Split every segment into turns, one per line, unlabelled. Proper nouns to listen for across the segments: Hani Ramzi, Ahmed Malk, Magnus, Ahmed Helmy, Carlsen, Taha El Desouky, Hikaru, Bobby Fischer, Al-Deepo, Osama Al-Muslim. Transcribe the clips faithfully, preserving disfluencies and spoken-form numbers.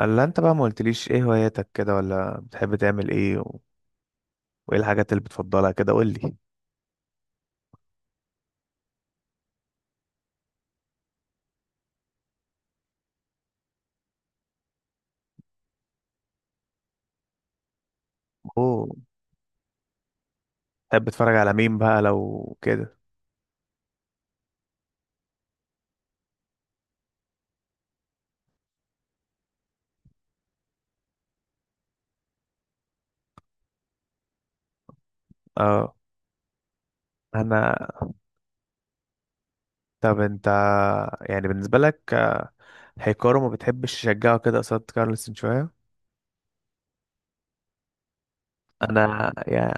الا انت بقى ما قلتليش ايه هواياتك كده ولا بتحب تعمل ايه و... وايه الحاجات اللي بتفضلها كده قول لي. اوه. بتحب تتفرج على مين بقى لو كده؟ اه. انا طب انت يعني بالنسبه لك آه، هيكارو ما بتحبش تشجعه كده قصاد كارلسن شويه؟ انا يا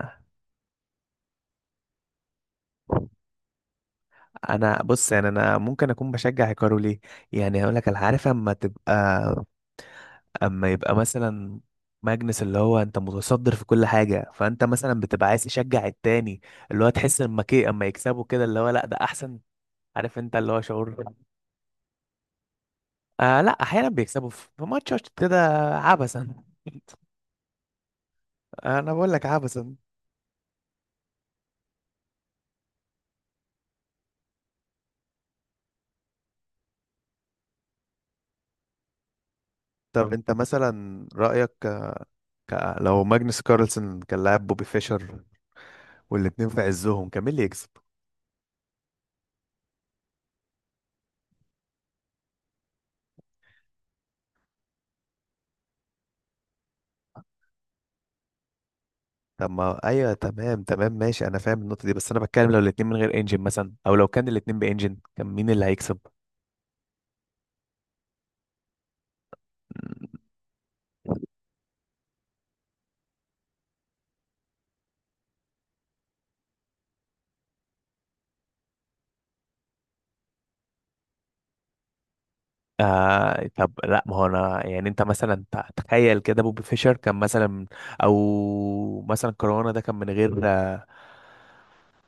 انا بص، يعني انا ممكن اكون بشجع هيكارو ليه. يعني هقول لك، انا عارف اما تبقى اما يبقى مثلا ماجنس اللي هو انت متصدر في كل حاجه، فانت مثلا بتبقى عايز تشجع التاني اللي هو تحس اما كي اما يكسبوا كده اللي هو لا ده احسن. عارف انت اللي هو شعور. آه لا، احيانا بيكسبوا في في ماتشات كده عبثا. انا بقول لك عبثا. طب انت مثلا رأيك ك... ك- لو ماجنس كارلسن كان لاعب بوبي فيشر والاتنين في عزهم، كان مين اللي يكسب؟ طب ما ايوه تمام تمام ماشي، انا فاهم النقطة دي، بس انا بتكلم لو الاتنين من غير انجن مثلا، او لو كان الاتنين بانجن كان مين اللي هيكسب؟ آه طب لا، ما هو انا يعني انت مثلا ت- تخيل كده، بوبي فيشر كان مثلا، او مثلا كورونا ده كان من غير آه،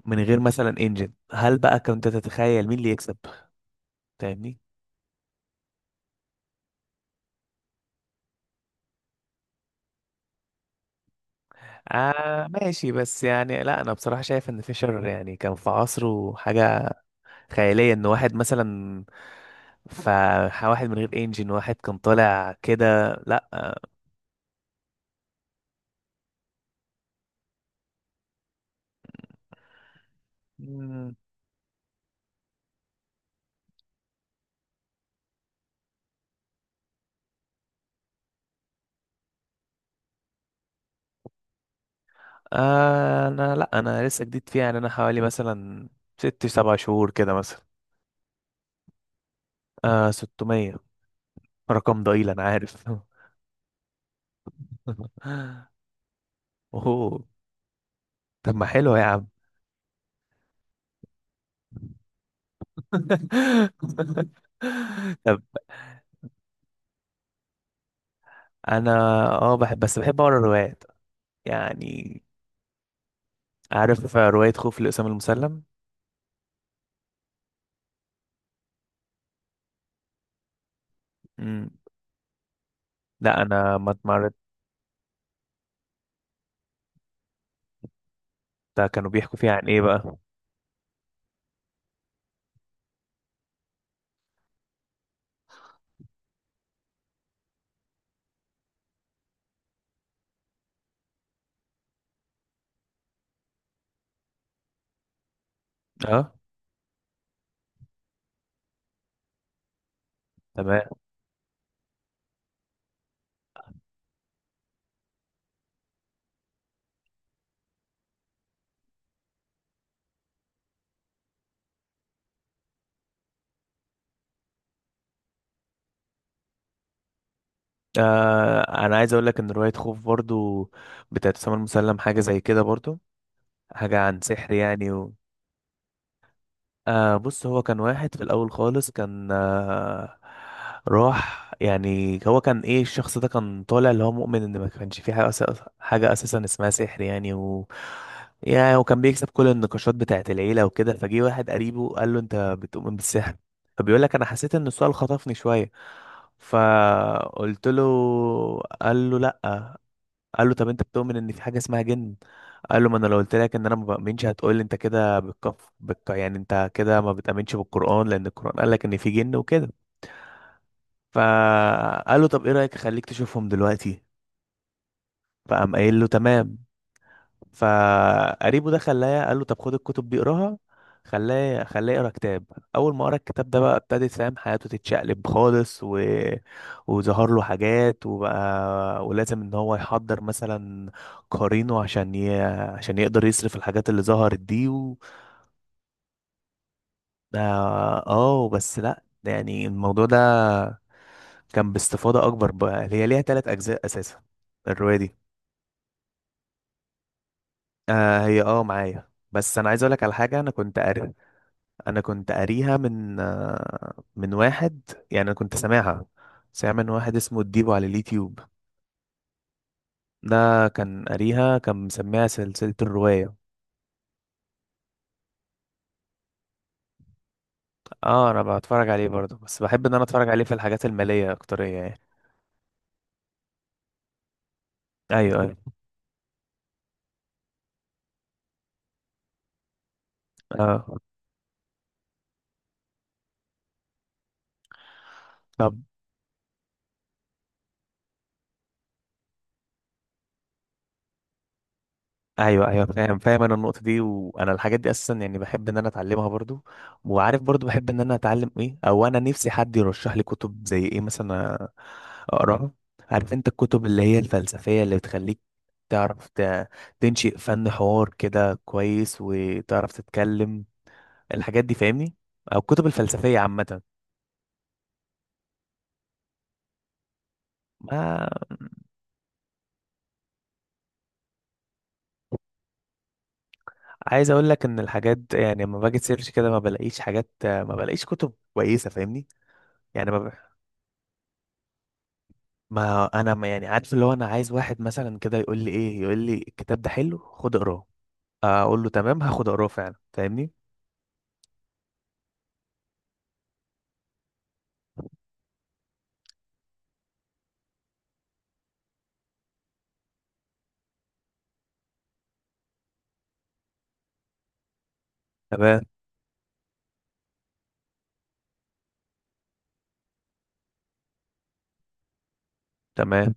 من غير مثلا انجن، هل بقى كنت تتخيل مين اللي يكسب؟ فاهمني. آه ماشي، بس يعني لا انا بصراحة شايف ان فيشر يعني كان في عصره حاجة خيالية، ان واحد مثلا، فواحد من غير انجن واحد كان طالع كده. لا. آه انا لا، انا لسه جديد فيها يعني. انا حوالي مثلا ست سبع شهور كده مثلا. آه ستمية. رقم ضئيل انا عارف. اوه. طب ما حلو يا عم. طب. انا اه بحب، بس بحب اقرا روايات يعني. عارف رواية خوف لأسامة المسلم. مم. لا انا ما اتمرت. كانوا بيحكوا فيها عن ايه بقى؟ اه. تمام. آه، انا عايز اقول لك ان رواية خوف برضو بتاعت أسامة المسلم حاجة زي كده برضو. حاجة عن سحر يعني و... آه، بص، هو كان واحد في الأول خالص كان آه راح، يعني هو كان إيه؟ الشخص ده كان طالع اللي هو مؤمن إن ما كانش في حاجة، أس... حاجة أساسا اسمها سحر يعني. و يعني وكان بيكسب كل النقاشات بتاعة العيلة وكده، فجه واحد قريبه قال له أنت بتؤمن بالسحر؟ فبيقول لك أنا حسيت إن السؤال خطفني شوية، فقلت له. قال له لأ. قال له طب انت بتؤمن ان في حاجه اسمها جن؟ قال له ما انا لو قلت لك ان انا ما بامنش هتقول لي انت كده بتكف بتك... يعني انت كده ما بتامنش بالقران، لان القران قال لك ان في جن وكده. فقال له طب ايه رايك اخليك تشوفهم دلوقتي؟ فقام قايل له تمام. فقريبه ده خلاه، قال له طب خد الكتب دي اقراها. خلاه خلاه يقرا كتاب. اول ما قرا الكتاب ده بقى ابتدت فاهم حياته تتشقلب خالص، و... وظهر له حاجات، وبقى ولازم ان هو يحضر مثلا قرينه عشان ي... عشان يقدر يصرف الحاجات اللي ظهرت دي و... اه. آه، بس لا، يعني الموضوع ده كان باستفاضة اكبر بقى. هي ليها ثلاث اجزاء اساسا الرواية دي. آه هي اه معايا، بس انا عايز اقولك على حاجة. انا كنت قاري. انا كنت قاريها من آه، من واحد يعني، انا كنت سامعها. سامع من واحد اسمه الديبو على اليوتيوب. ده كان قاريها، كان مسميها سلسلة الرواية. اه انا بتفرج عليه برضه، بس بحب ان انا اتفرج عليه في الحاجات المالية اكترية يعني. ايوه ايوه. اه. طب ايوه ايوه، فاهم فاهم، انا النقطة دي، وانا الحاجات دي اساسا يعني بحب ان انا اتعلمها برضه. وعارف برضه بحب ان انا اتعلم ايه، او انا نفسي حد يرشح لي كتب زي ايه مثلا اقراها. عارف انت الكتب اللي هي الفلسفية اللي بتخليك تعرف ت- تنشئ فن حوار كده كويس، وتعرف تتكلم الحاجات دي، فاهمني؟ او الكتب الفلسفية عامة. ما عايز اقول لك ان الحاجات يعني لما باجي سيرش كده ما بلاقيش حاجات، ما بلاقيش كتب كويسة، فاهمني؟ يعني ما, ب... ما انا ما يعني عارف اللي هو انا عايز واحد مثلا كده يقول لي ايه، يقول لي الكتاب ده حلو خد اقراه، اقول له تمام هاخد اقراه فعلا، فاهمني؟ تمام. تمام.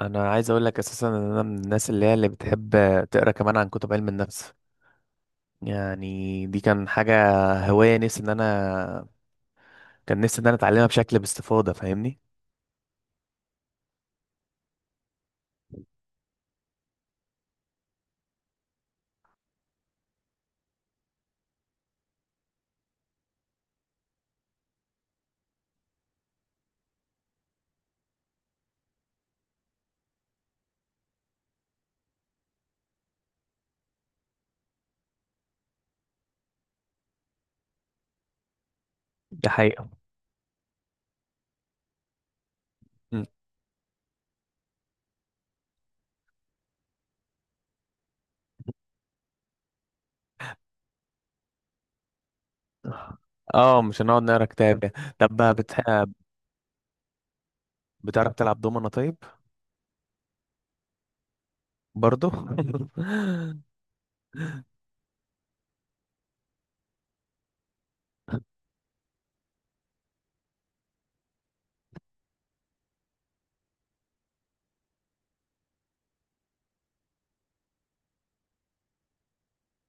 انا عايز اقول لك اساسا ان انا من الناس اللي هي اللي بتحب تقرا كمان عن كتب علم النفس. يعني دي كان حاجه، هوايه نفسي ان انا كان نفسي ان انا اتعلمها بشكل باستفاضه، فاهمني؟ دي حقيقه. م. اه مش هنقعد نقرا كتاب يعني. طب بقى بتح... بتعرف تلعب دومنة طيب؟ برضو.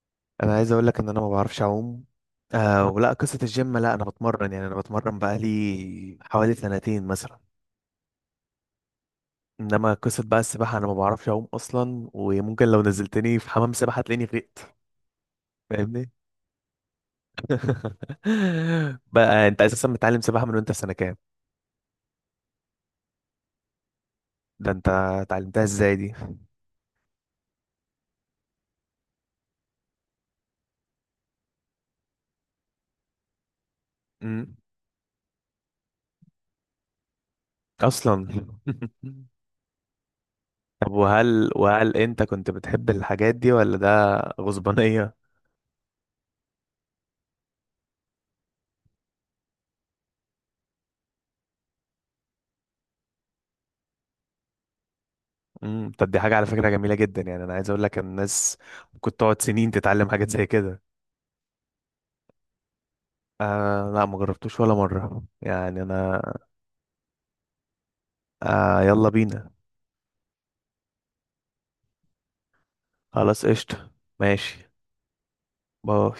انا عايز اقول لك ان انا ما بعرفش اعوم. آه ولا قصه الجيم، لا انا بتمرن يعني، انا بتمرن بقالي حوالي سنتين مثلا. انما قصة بقى السباحة انا ما بعرفش اعوم اصلا، وممكن لو نزلتني في حمام سباحة تلاقيني غرقت. فاهمني. بقى انت اساسا متعلم سباحة من وانت في سنة كام؟ ده انت اتعلمتها ازاي دي؟ امم. اصلا. طب، وهل وهل انت كنت بتحب الحاجات دي ولا ده غصبانية؟ امم. طب دي حاجة على فكرة جميلة جدا، يعني انا عايز اقول لك ان الناس ممكن تقعد سنين تتعلم حاجات زي كده. آه لا، ما جربتوش ولا مرة يعني انا. آه يلا بينا. خلاص قشطة. ماشي. باي.